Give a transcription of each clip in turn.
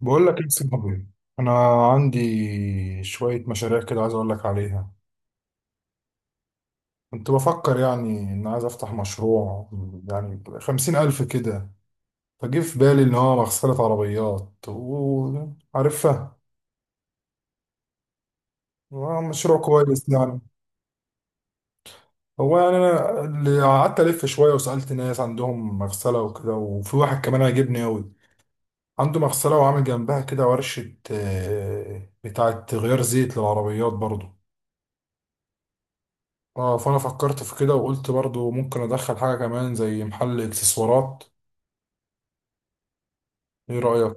بقول لك ايه يا صاحبي؟ انا عندي شويه مشاريع كده، عايز اقول لك عليها. كنت بفكر يعني ان عايز افتح مشروع يعني 50 الف كده. فجه في بالي ان هو مغسله عربيات وعارفها، مشروع كويس يعني. هو يعني انا اللي قعدت الف شويه وسالت ناس عندهم مغسله وكده، وفي واحد كمان عجبني قوي، عنده مغسله وعامل جنبها كده ورشه، بتاعه غيار زيت للعربيات برضو. اه فانا فكرت في كده وقلت برضو ممكن ادخل حاجه كمان زي محل اكسسوارات. ايه رايك؟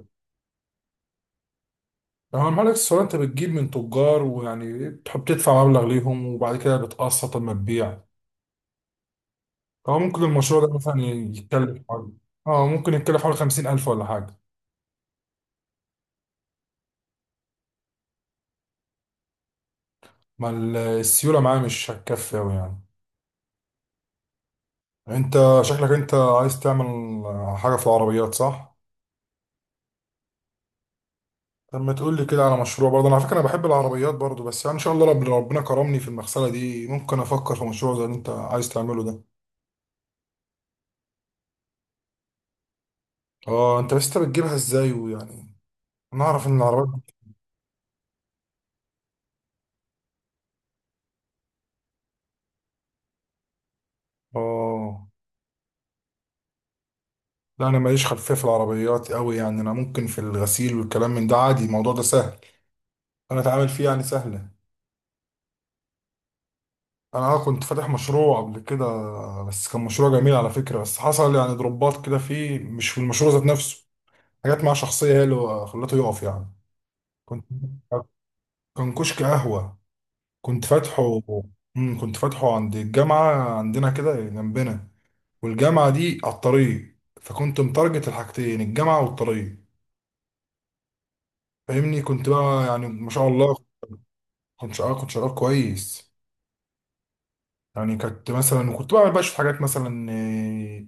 يعني هو محل اكسسوارات انت بتجيب من تجار، ويعني بتحب تدفع مبلغ ليهم وبعد كده بتقسط لما تبيع. هو ممكن المشروع ده مثلا يتكلف حوالي، اه ممكن يتكلف حوالي 50 الف ولا حاجه. ما ال- السيوله معاه مش هتكفي اوي يعني. انت شكلك عايز تعمل حاجه في العربيات صح؟ طب ما تقول لي كده على مشروع برضه، أنا على فكرة أنا بحب العربيات برضه، بس يعني إن شاء الله ربنا كرمني في المغسلة دي، ممكن أفكر في مشروع زي اللي أنت عايز تعمله ده. أه أنت بس بتجيبها إزاي ويعني، أنا أعرف إن العربيات. أه لا، أنا ماليش خلفية في العربيات أوي يعني، أنا ممكن في الغسيل والكلام من ده عادي، الموضوع ده سهل أنا أتعامل فيه يعني، سهلة. أنا أه كنت فاتح مشروع قبل كده، بس كان مشروع جميل على فكرة، بس حصل يعني ضربات كده فيه مش في المشروع ذات نفسه، حاجات مع شخصية هي اللي خلته يقف يعني. كنت كان كشك قهوة كنت فاتحه. كنت فاتحه عند الجامعة عندنا كده جنبنا، والجامعة دي على الطريق، فكنت متارجت الحاجتين، الجامعة والطريق. فاهمني؟ كنت بقى يعني ما شاء الله. كنت شغال كويس. يعني كنت مثلا، وكنت بعمل بقى شوية حاجات مثلا،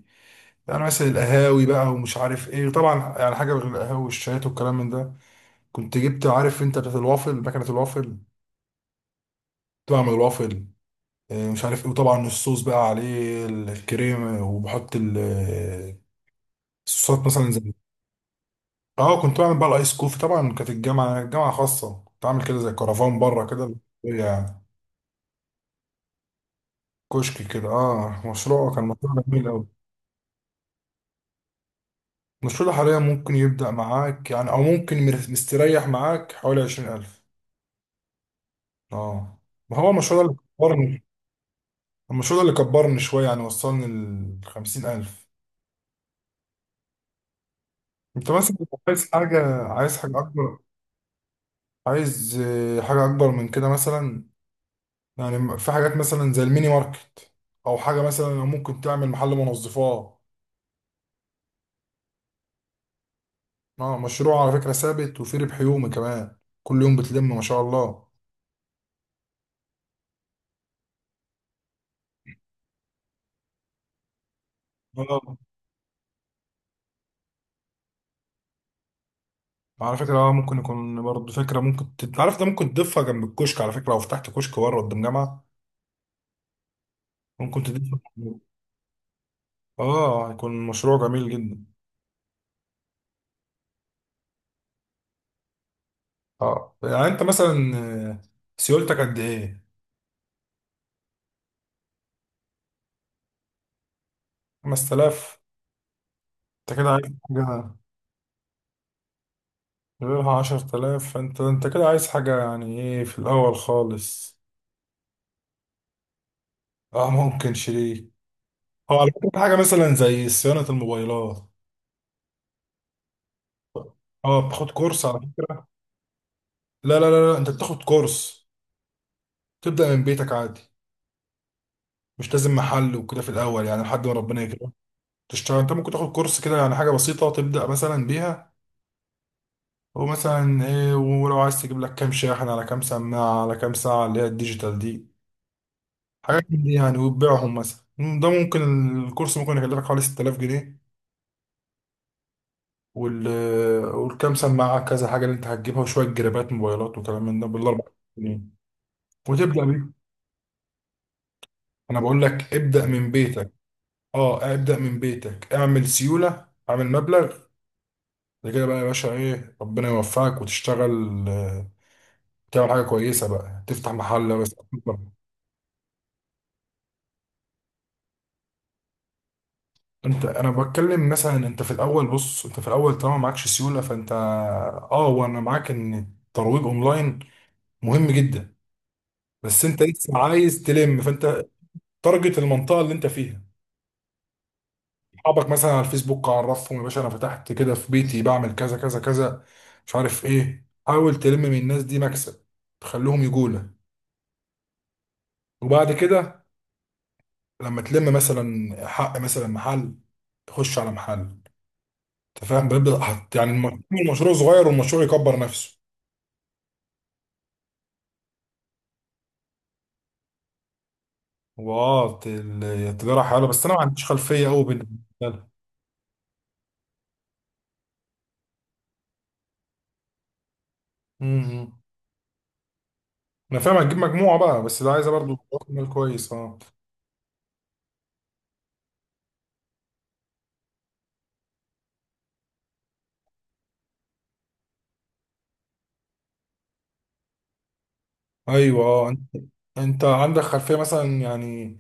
يعني مثلا القهاوي بقى ومش عارف ايه، طبعا يعني حاجة غير القهاوي والشايات والكلام من ده. كنت جبت، عارف انت بتاعت الوافل، مكنة الوافل، كنت بعمل الوافل، مش عارف ايه، وطبعا الصوص بقى عليه الكريمة وبحط صوت مثلا زي، اه كنت بعمل بقى الايس كوفي. طبعا كانت الجامعه جامعه خاصه، كنت عامل كده زي كرفان بره كده يعني، كشك كده. اه مشروع كان مشروع جميل قوي. المشروع ده حاليا ممكن يبدا معاك يعني، او ممكن مستريح معاك حوالي 20000. اه ما هو المشروع ده اللي كبرني. المشروع ده اللي كبرني شويه يعني، وصلني ل 50000. انت مثلا عايز حاجه، عايز حاجه اكبر، عايز حاجه اكبر من كده مثلا. يعني في حاجات مثلا زي الميني ماركت، او حاجه مثلا ممكن تعمل محل منظفات. اه مشروع على فكره ثابت، وفي ربح يومي كمان، كل يوم بتلم ما شاء الله. اه على فكره اه ممكن يكون برضه فكره ممكن انت عارف ده ممكن تضيفها جنب الكشك، على فكره لو فتحت كشك بره قدام جامعه ممكن تضيفها. اه يكون مشروع جميل جدا. اه يعني انت مثلا، آه، سيولتك قد ايه؟ 5000؟ انت كده عايز حاجه، غيرها 10000، فانت انت كده عايز حاجه يعني ايه في الاول خالص. اه ممكن شريك. هو على فكرة حاجة مثلا زي صيانة الموبايلات، اه بتاخد كورس على فكرة. لا لا لا لا، انت بتاخد كورس تبدأ من بيتك عادي، مش لازم محل وكده في الأول يعني لحد ما ربنا يكرمك، تشتغل. انت ممكن تاخد كورس كده، يعني حاجة بسيطة تبدأ مثلا بيها، ومثلا ايه، ولو عايز تجيب لك كام شاحن على كام سماعة على كام ساعة اللي هي الديجيتال دي، حاجات من دي يعني وتبيعهم مثلا، ده ممكن. الكورس ممكن يكلفك حوالي 6000 جنيه، وال والكام سماعة كذا حاجة اللي انت هتجيبها وشوية جرابات موبايلات وكلام من ده بالاربع جنيه، وتبدأ بيه. انا بقول لك ابدأ من بيتك، اه ابدأ من بيتك، اعمل سيولة، اعمل مبلغ. ده كده بقى يا باشا، ايه، ربنا يوفقك وتشتغل، تعمل حاجة كويسة بقى تفتح محل بس. انت انا بتكلم مثلا، انت في الاول بص، انت في الاول طالما معكش سيولة فانت، اه وانا معاك ان الترويج اونلاين مهم جدا، بس انت لسه عايز تلم، فانت تارجت المنطقه اللي انت فيها، اصحابك مثلا على الفيسبوك عرفهم، يا باشا انا فتحت كده في بيتي بعمل كذا كذا كذا مش عارف ايه، حاول تلم من الناس دي مكسب، تخليهم يجولة. وبعد كده لما تلم مثلا حق مثلا محل، تخش على محل، انت فاهم، بيبدا حط يعني المشروع صغير والمشروع يكبر نفسه. واه التجاره حلوه، بس انا ما عنديش خلفيه قوي بالنسبه لها. امم. انا فاهم، هتجيب مجموعه بقى، بس ده عايزه برضو راس مال كويس اه. ايوه اه، انت عندك خلفية مثلا يعني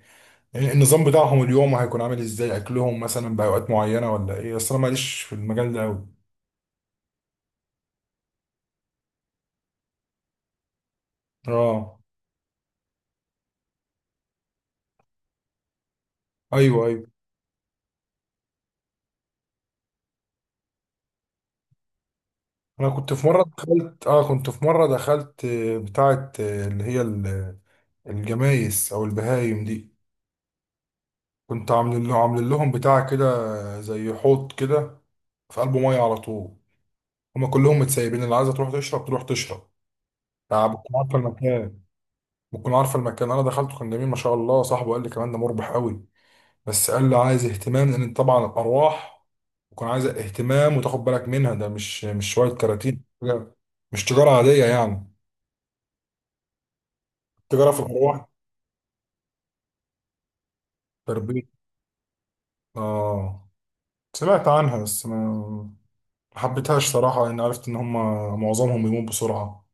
النظام بتاعهم اليوم هيكون عامل ازاي، اكلهم مثلا باوقات معينة ولا ايه، اصل انا ماليش في المجال ده اوي. اه ايوه ايوه، انا كنت في مرة دخلت، اه كنت في مرة دخلت، بتاعة اللي هي الجمايس او البهايم دي، كنت عامل له، عامل لهم بتاع كده زي حوض كده، في قلبه مية على طول، هما كلهم متسيبين، اللي عايزة تروح تشرب تروح تشرب، يعني بتكون عارفة المكان، بتكون عارفه المكان، انا دخلته كان جميل ما شاء الله، صاحبه قال لي كمان ده مربح قوي، بس قال لي عايز اهتمام لان طبعا الارواح بتكون عايزه اهتمام وتاخد بالك منها، ده مش شويه كراتين مش تجاره عاديه يعني، تجاره في الارواح. تربيه اه، سمعت عنها بس ما حبيتهاش صراحه، لان عرفت ان هم معظمهم بيموت بسرعه،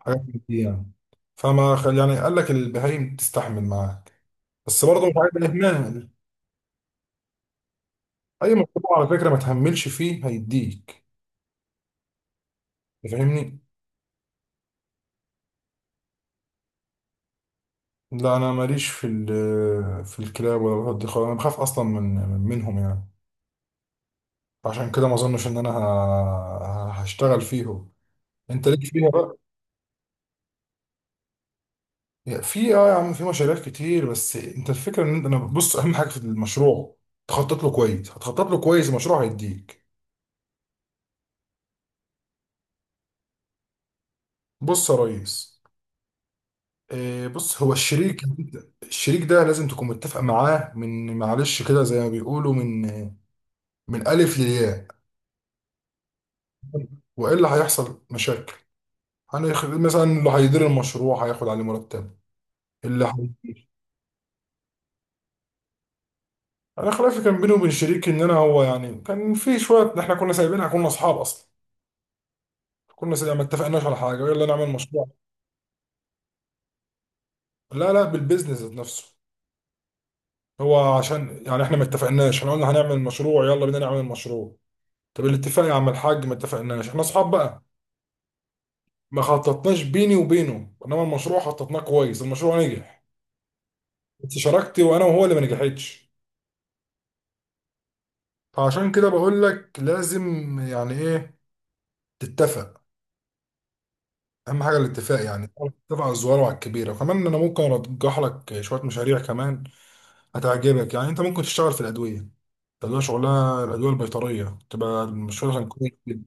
حاجات من دي يعني. يعني قال لك البهايم تستحمل معاك، بس برضه مش عايز اهمال. اي مشروع على فكره ما تهملش فيه هيديك. أنت فاهمني؟ لا انا ماليش في في الكلاب ولا القطط دي خالص، انا بخاف اصلا من منهم يعني، عشان كده ما اظنش ان انا هشتغل فيهم. انت ليك فيها بقى. في اه يا عم في مشاريع كتير، بس انت الفكره ان انت، انا بص اهم حاجه في المشروع تخطط له كويس، هتخطط له كويس المشروع هيديك. بص يا ريس، بص هو الشريك، الشريك ده لازم تكون متفق معاه من معلش كده زي ما بيقولوا من من الف للياء، والا هيحصل مشاكل. مثلا اللي هيدير المشروع هياخد عليه مرتب، اللي هي... انا خلافي كان بيني وبين شريكي، ان انا هو يعني كان في شويه، احنا كنا سايبينها، كنا اصحاب اصلا كنا سايبين، ما اتفقناش على حاجه، يلا نعمل مشروع. لا لا، بالبيزنس ذات نفسه، هو عشان يعني احنا ما اتفقناش، احنا قلنا هنعمل مشروع، يلا بينا نعمل المشروع. طب الاتفاق يا عم الحاج، ما اتفقناش، احنا اصحاب بقى. ما خططناش بيني وبينه، انما المشروع خططناه كويس، المشروع نجح، بس شراكتي وانا وهو اللي ما نجحتش. فعشان كده بقول لك لازم يعني ايه، تتفق. اهم حاجه الاتفاق، يعني اتفق على الصغيره وعلى الكبيره. وكمان انا ممكن ارجح لك شويه مشاريع كمان هتعجبك، يعني انت ممكن تشتغل في الادويه ده، اللي هو شغلها الادويه البيطريه، تبقى شغلها كويس جدا.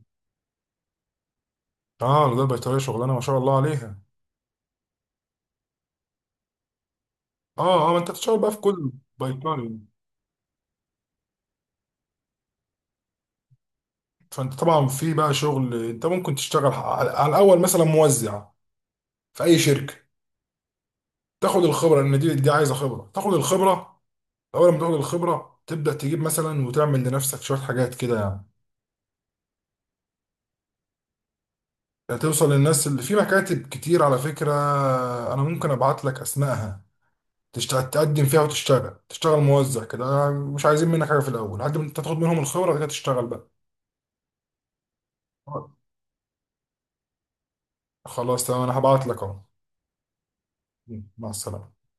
اه الادويه البيطريه شغلانه ما شاء الله عليها. اه اه، ما انت بتشتغل بقى في كل بيطري، فانت طبعا في بقى شغل، انت ممكن تشتغل على الاول مثلا موزع في اي شركه، تاخد الخبره لان دي عايزه خبره، تاخد الخبره. اول ما تاخد الخبره تبدا تجيب مثلا وتعمل لنفسك شويه حاجات كده يعني. توصل للناس اللي في مكاتب كتير على فكرة، أنا ممكن أبعت لك أسمائها، تقدم فيها وتشتغل، تشتغل موزع كده، مش عايزين منك حاجة في الأول لحد ما أنت تاخد منهم الخبرة، بعد كده تشتغل بقى. خلاص تمام، أنا هبعت لك أهو. مع السلامة.